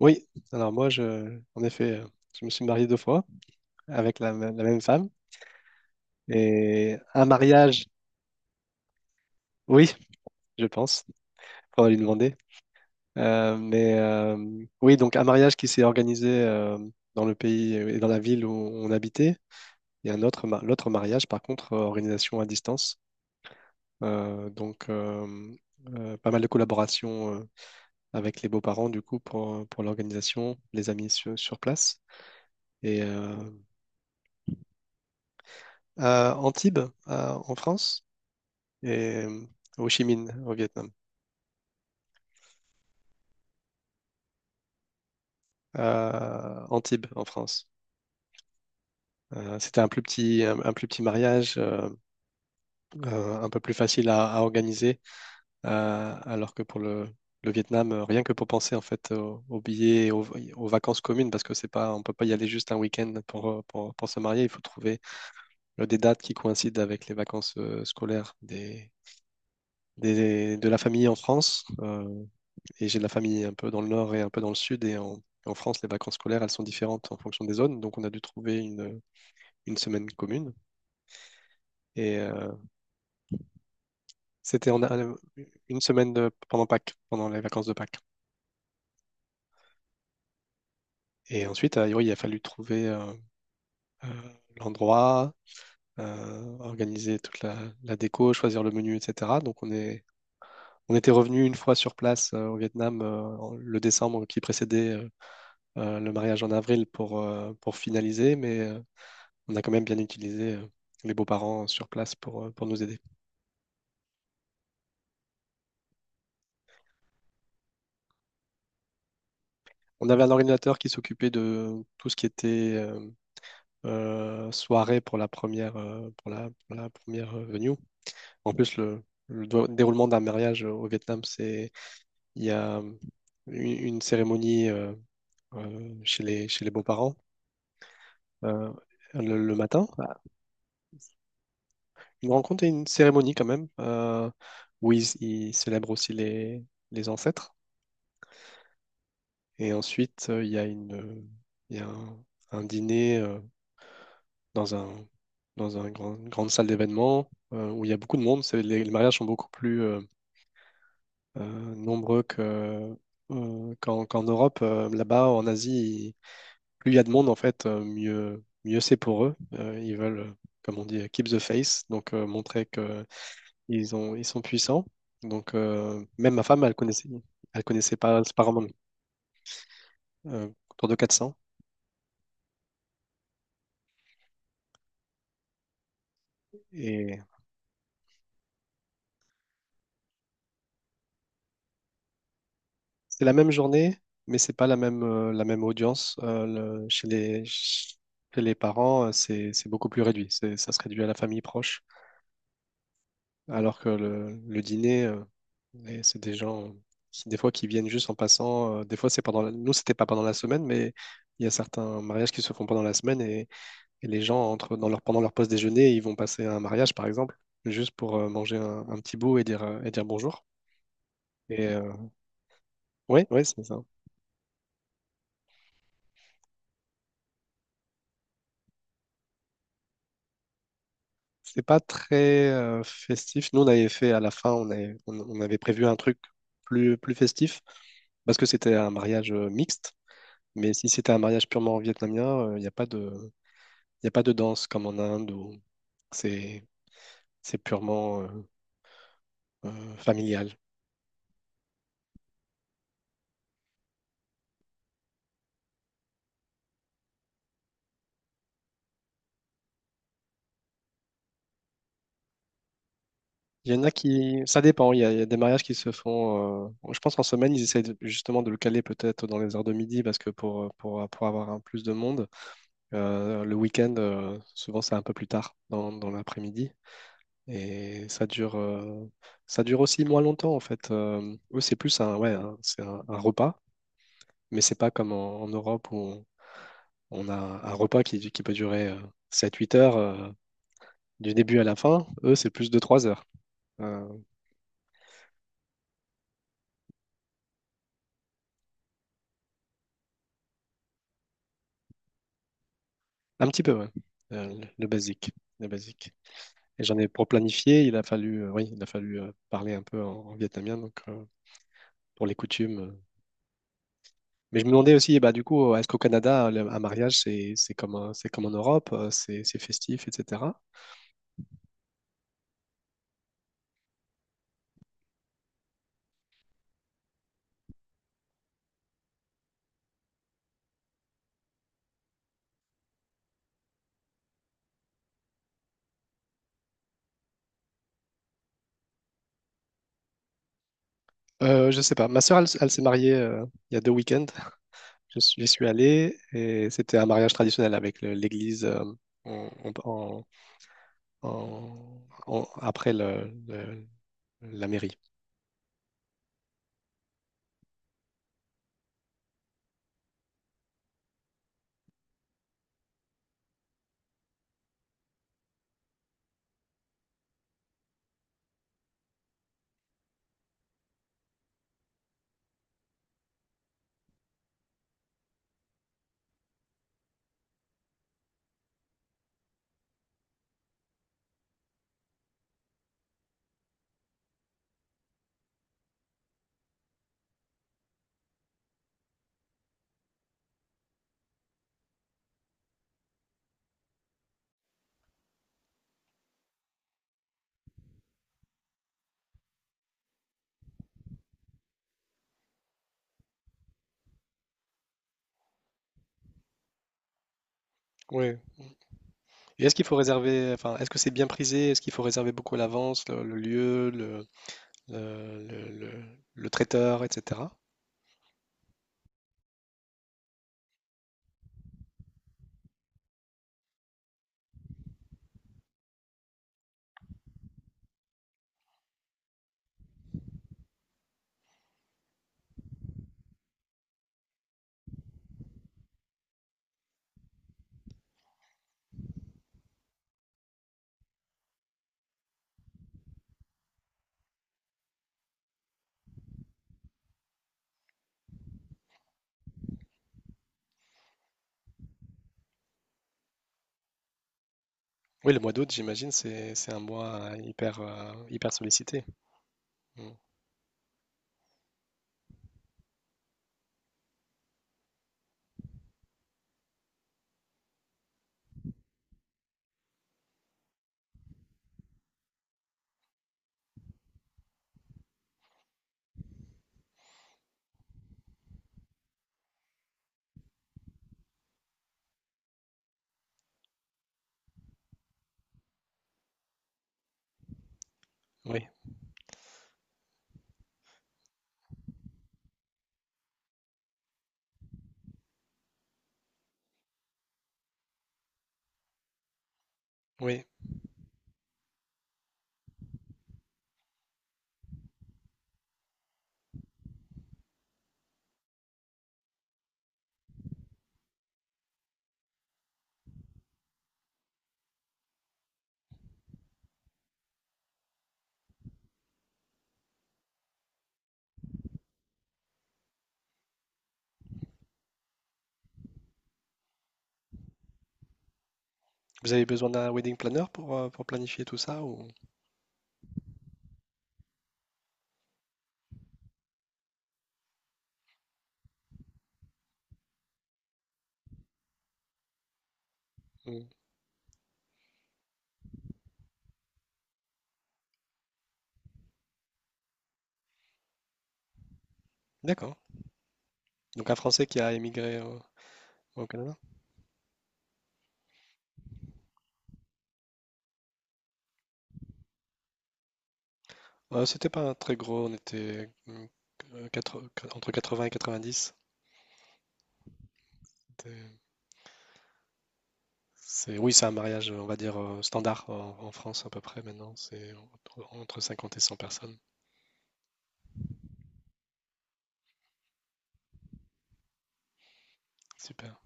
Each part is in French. Oui, alors moi, je, en effet, je me suis marié deux fois avec la même femme. Et un mariage, oui, je pense, on va lui demander. Euh, mais euh, oui, donc un mariage qui s'est organisé dans le pays et dans la ville où on habitait. Et un autre, l'autre mariage, par contre, organisation à distance. Euh, donc, euh, pas mal de collaboration avec les beaux-parents, du coup, pour l'organisation, les amis sur place. Et à Antibes, en France. Et Ho Chi Minh au Vietnam, à Antibes en France. C'était un plus petit, un plus petit mariage, un peu plus facile à organiser, alors que pour le Vietnam, rien que pour penser en fait aux billets, aux vacances communes, parce que c'est pas, on peut pas y aller juste un week-end pour, pour se marier. Il faut trouver des dates qui coïncident avec les vacances scolaires de la famille en France. Et j'ai de la famille un peu dans le nord et un peu dans le sud. En France, les vacances scolaires, elles sont différentes en fonction des zones. Donc, on a dû trouver une semaine commune. Et euh, c'était une semaine pendant Pâques, pendant les vacances de Pâques. Et ensuite, oui, il a fallu trouver euh, l'endroit, organiser toute la déco, choisir le menu, etc. Donc, on était revenu une fois sur place au Vietnam le décembre qui précédait le mariage en avril pour, pour finaliser. Mais on a quand même bien utilisé les beaux-parents sur place pour, pour nous aider. On avait un ordinateur qui s'occupait de tout ce qui était soirée pour la première, pour pour la première venue. En plus, le déroulement d'un mariage au Vietnam, c'est il y a une cérémonie chez chez les beaux-parents euh, le matin, une rencontre et une cérémonie quand même, où ils célèbrent aussi les ancêtres. Et ensuite, il y a une, il y a un dîner dans un, dans un une grande salle d'événements où il y a beaucoup de monde. Les les mariages sont beaucoup plus nombreux que, qu'en Europe. Là-bas, en Asie, plus il y a de monde, en fait, mieux c'est pour eux. Ils veulent, comme on dit, keep the face, donc montrer que ils sont puissants. Donc, même ma femme, elle connaissait pas, c'est pas vraiment euh, autour de 400. Et c'est la même journée, mais c'est pas la même, la même audience. Chez chez les parents, c'est beaucoup plus réduit. Ça se réduit à la famille proche. Alors que le dîner, et c'est des gens qui, des fois, qui viennent juste en passant. Euh, des fois, c'est pendant nous, c'était pas pendant la semaine, mais il y a certains mariages qui se font pendant la semaine et les gens entrent dans leur, pendant leur pause déjeuner, ils vont passer à un mariage, par exemple, juste pour manger un petit bout et dire bonjour. Et oui, ouais, ouais, c'est ça. C'est pas très festif. Nous, on avait fait à la fin, on avait prévu un truc plus festif parce que c'était un mariage mixte. Mais si c'était un mariage purement vietnamien, il n'y a pas de, y a pas de danse comme en Inde où c'est, c'est purement familial. Il y en a qui, ça dépend. Il y a des mariages qui se font. Euh, je pense en semaine, ils essaient justement de le caler peut-être dans les heures de midi parce que pour avoir un plus de monde. Le week-end, souvent, c'est un peu plus tard dans l'après-midi. Et ça dure aussi moins longtemps, en fait. Eux, c'est plus un, ouais, un repas, mais c'est pas comme en Europe où on a un repas qui peut durer sept huit heures du début à la fin. Eux, c'est plus de 3 heures. Euh, un petit peu, ouais. Le basique, le basique. Et j'en ai pour planifier, il a fallu, oui, il a fallu parler un peu en vietnamien, donc pour les coutumes, mais je me demandais aussi, bah, du coup, est-ce qu'au Canada, un mariage, c'est comme, c'est comme en Europe, c'est festif, etc. Je sais pas. Ma sœur, elle, elle s'est mariée il y a deux week-ends. Je suis, j'y suis allé et c'était un mariage traditionnel avec l'église en- en- après la mairie. Oui. Et est-ce qu'il faut réserver, enfin, est-ce que c'est bien prisé? Est-ce qu'il faut réserver beaucoup à l'avance le lieu, le, le- le- le traiteur, etc. Oui, le mois d'août, j'imagine, c'est un mois hyper, hyper sollicité. Mm. Oui, oui. Vous avez besoin d'un wedding planner pour planifier tout ça ou... Mm. D'accord. Donc un Français qui a émigré au Canada? C'était pas un très gros, on était mm, entre 80 et 90. C'était- C'est, oui, c'est un mariage, on va dire, standard en France à peu près maintenant. C'est entre 50 et 100 personnes. Super.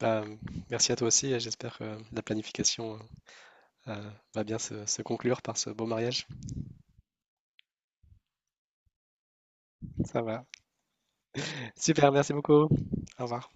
Bah, merci à toi aussi et j'espère que la planification va bien se conclure par ce beau mariage. Ça va. Super, merci beaucoup. Au revoir.